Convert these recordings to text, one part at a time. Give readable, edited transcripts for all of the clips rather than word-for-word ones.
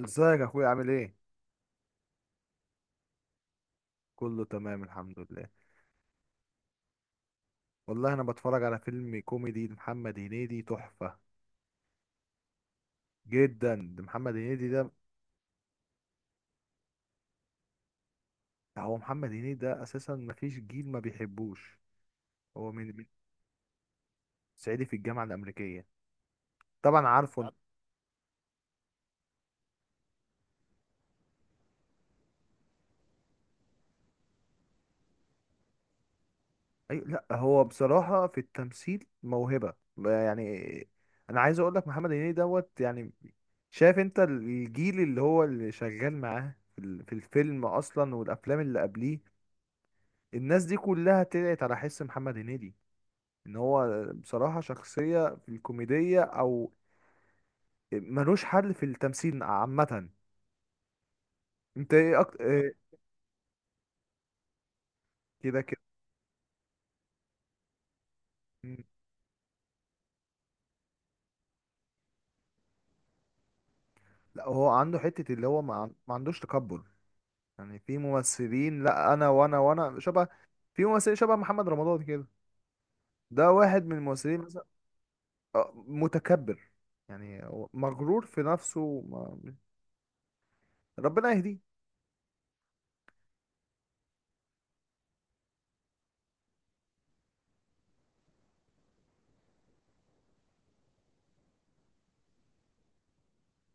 ازيك يا اخويا؟ عامل ايه؟ كله تمام، الحمد لله. والله انا بتفرج على فيلم كوميدي لمحمد هنيدي، تحفة جدا. ده محمد هنيدي ده. هو محمد هنيدي ده اساسا مفيش جيل ما بيحبوش. هو من صعيدي في الجامعة الامريكية. طبعا عارفه انت. اي، لا هو بصراحة في التمثيل موهبة يعني. انا عايز اقول لك محمد هنيدي دوت يعني. شايف انت الجيل اللي هو اللي شغال معاه في الفيلم اصلا والافلام اللي قبليه. الناس دي كلها طلعت على حس محمد هنيدي ان هو بصراحة شخصية في الكوميدية او ملوش حل في التمثيل عامة. انت ايه اكتر؟ إيه كده كده. مم. لا هو عنده حتة اللي هو ما عندوش تكبر يعني. في ممثلين، لا، انا وانا وانا شبه. في ممثلين شبه محمد رمضان كده. ده واحد من الممثلين مثلا. متكبر يعني. هو مغرور في نفسه، ربنا يهديه.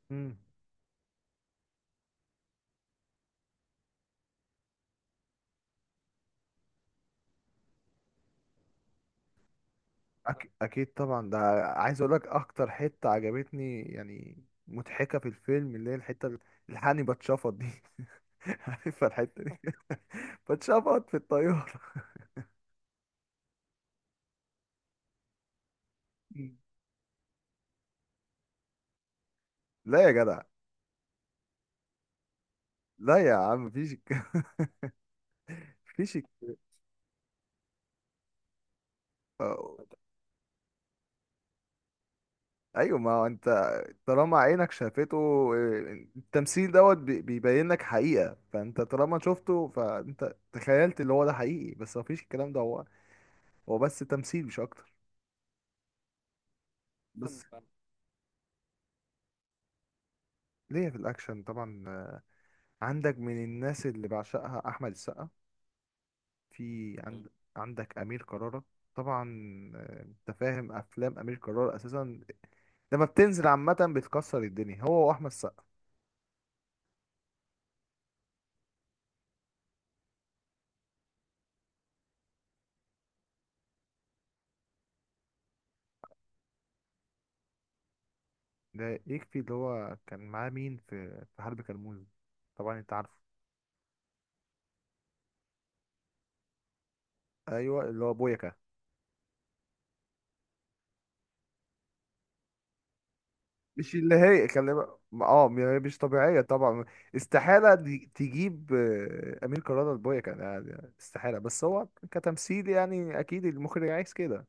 مم. اكيد طبعا ده. عايز اقول لك اكتر حته عجبتني يعني مضحكه في الفيلم، اللي هي الحته الحقني بتشفط دي. عارفها الحته دي بتشفط في الطياره. مم. لا يا جدع. لا يا عم، مفيش الك- أو- ايوه ما هو انت، طالما عينك شافته. التمثيل دوت بيبين لك حقيقه، فانت طالما شفته فانت تخيلت اللي هو ده حقيقي، بس مفيش الكلام ده. هو بس تمثيل مش اكتر. بس ليه، في الاكشن طبعا. عندك من الناس اللي بعشقها احمد السقا. في مم. عند عندك امير كرارة طبعا. انت فاهم افلام امير كرارة اساسا لما بتنزل عامه بتكسر الدنيا، هو واحمد السقا. ده يكفي اللي هو كان معاه مين في حرب كرموز. طبعا انت عارفه. ايوه اللي هو بويكا. مش اللي هي كلمة، يعني مش طبيعية طبعا. استحالة تجيب أمير كرارة لبويكا، ده استحالة، بس هو كتمثيل يعني، أكيد المخرج عايز كده.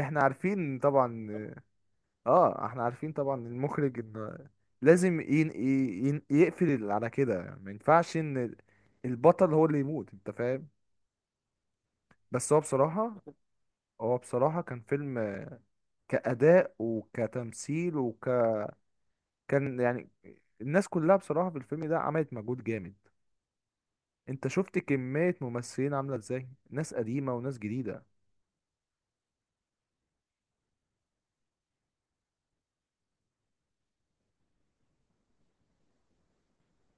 احنا عارفين طبعا. اه احنا عارفين طبعا المخرج ان لازم يقفل على كده. ما ينفعش ان البطل هو اللي يموت، انت فاهم. بس هو بصراحة، كان فيلم كأداء وكتمثيل كان يعني. الناس كلها بصراحة في الفيلم ده عملت مجهود جامد. انت شفت كمية ممثلين عاملة ازاي، ناس قديمة وناس جديدة.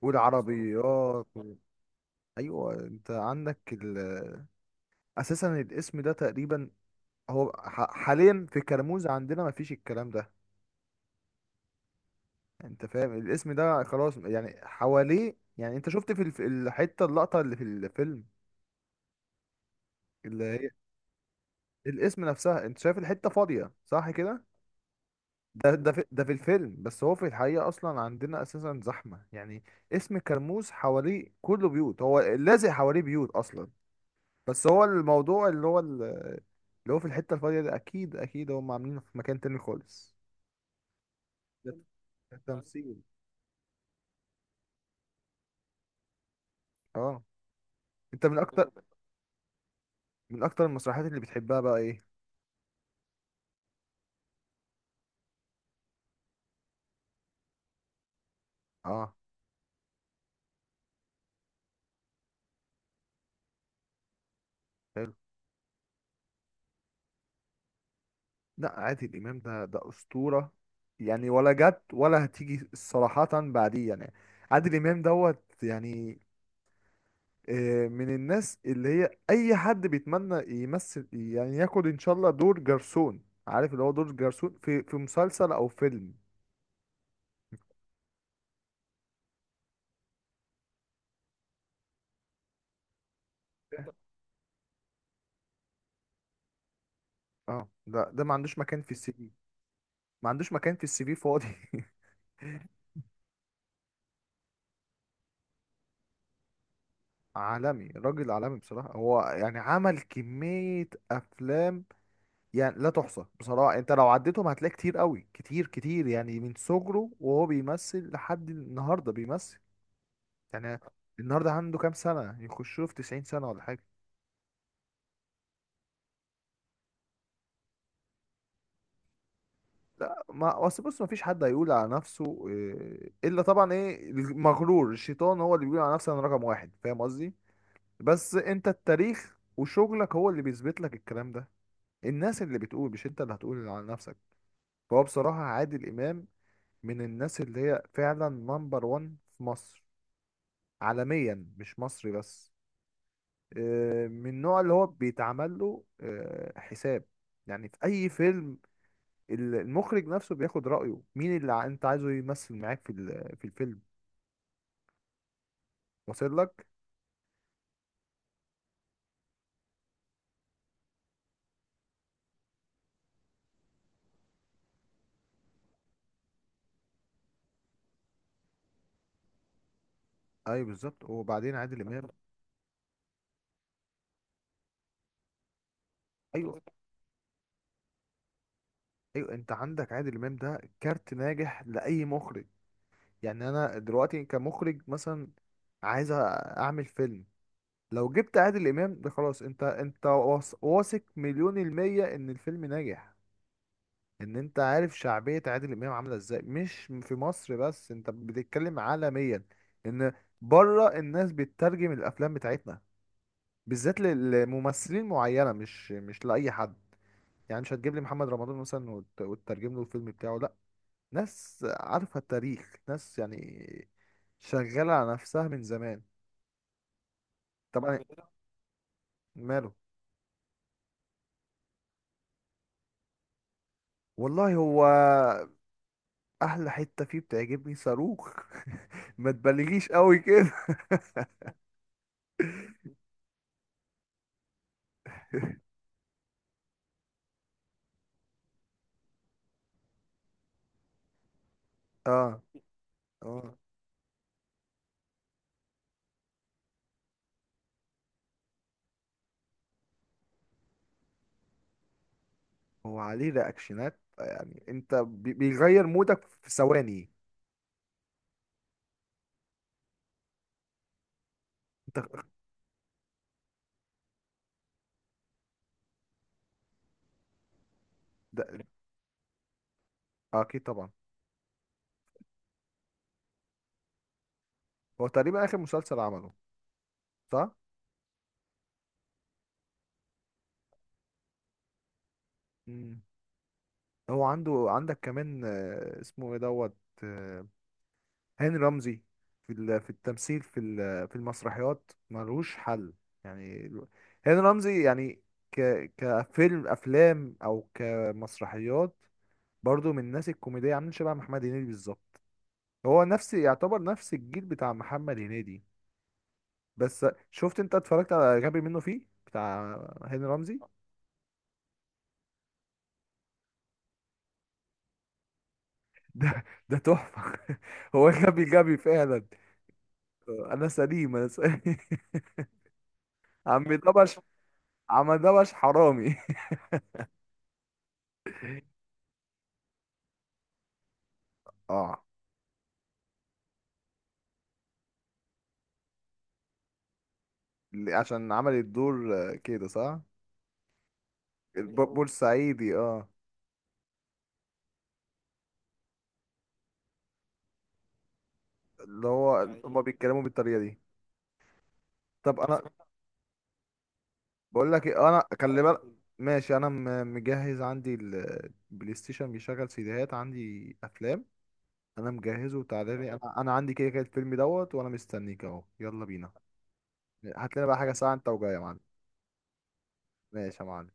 والعربيات ايوه انت عندك اساسا الاسم ده تقريبا هو حاليا في كرموز عندنا ما فيش الكلام ده. انت فاهم الاسم ده خلاص يعني حواليه. يعني انت شفت الحتة اللقطة اللي في الفيلم، اللي هي الاسم نفسها. انت شايف الحتة فاضية صح كده. ده في الفيلم، بس هو في الحقيقة اصلا عندنا اساسا زحمة يعني. اسم كرموز حواليه كله بيوت، هو لازق حواليه بيوت اصلا. بس هو الموضوع اللي هو اللي هو في الحتة الفاضية ده، اكيد اكيد هم عاملينه في مكان تاني خالص. ده ده تمثيل. اه. انت من اكتر المسرحيات اللي بتحبها بقى ايه؟ اه حلو. لا عادل امام ده اسطوره يعني. ولا جت ولا هتيجي صراحه بعديه يعني. عادل امام دوت يعني. من الناس اللي هي اي حد بيتمنى يمثل يعني ياخد ان شاء الله دور جرسون. عارف اللي هو دور جرسون في مسلسل او فيلم. اه ده ما عندوش مكان في السي في. ما عندوش مكان في السي في فاضي. عالمي، راجل عالمي بصراحه. هو يعني عمل كميه افلام يعني لا تحصى بصراحة. انت لو عديتهم هتلاقي كتير قوي، كتير كتير يعني. من صغره وهو بيمثل لحد النهاردة بيمثل يعني. النهاردة عنده كام سنة، يخشوا في 90 سنة ولا حاجة. لا ما اصل بص، ما فيش حد هيقول على نفسه الا طبعا ايه المغرور، الشيطان هو اللي بيقول على نفسه انا رقم واحد، فاهم قصدي. بس انت التاريخ وشغلك هو اللي بيثبت لك الكلام ده. الناس اللي بتقول، مش انت اللي هتقول على نفسك. فهو بصراحة عادل امام من الناس اللي هي فعلا نمبر 1 في مصر، عالميا مش مصري بس. من النوع اللي هو بيتعمل له حساب. يعني في اي فيلم المخرج نفسه بياخد رأيه مين اللي انت عايزه يمثل معاك في الفيلم، واصل لك. ايوه بالظبط. وبعدين عادل امام. ايوه، ايوه، انت عندك عادل امام ده كارت ناجح لاي مخرج. يعني انا دلوقتي كمخرج مثلا عايز اعمل فيلم. لو جبت عادل امام ده خلاص، انت واثق مليون المية ان الفيلم ناجح. ان انت عارف شعبية عادل امام عاملة ازاي، مش في مصر بس انت بتتكلم عالميا. ان بره الناس بتترجم الافلام بتاعتنا بالذات لممثلين معينة، مش لأي حد. يعني مش هتجيب لي محمد رمضان مثلا وتترجم له الفيلم بتاعه، لا. ناس عارفة التاريخ، ناس يعني شغالة على نفسها من زمان. طبعا. ماله. والله هو احلى حتة فيه بتعجبني صاروخ. ما تبالغيش قوي كده. اه، اه، هو عليه رياكشنات. يعني انت بيغير مودك في ثواني. انت ده. اكيد طبعا. هو تقريبا اخر مسلسل عمله، صح. مم. هو عندك كمان اسمه ايه دوت آه، هاني رمزي. في التمثيل، في المسرحيات ملوش حل. يعني هاني رمزي يعني، ك كفيلم افلام او كمسرحيات. برضو من الناس الكوميديه عاملين شبه محمد هنيدي بالظبط. هو نفس، يعتبر نفس الجيل بتاع محمد هنيدي. بس شفت انت اتفرجت على غبي منه فيه بتاع هاني رمزي؟ ده تحفة. هو غبي غبي فعلا. انا سليم، انا سليم. عم دبش، عم دبش حرامي. اه. عشان عمل الدور كده صح. بورسعيدي اه. اللي هو هما بيتكلموا بالطريقة دي. طب انا بقول لك ايه، انا خلي بالك ماشي. انا مجهز عندي البلاي ستيشن بيشغل سيديهات، عندي افلام. انا مجهزه وتعالى لي. انا عندي كده كده الفيلم دوت، وانا مستنيك اهو، يلا بينا. هات لنا بقى حاجه ساعه انت وجاي يا معلم. ماشي يا معلم.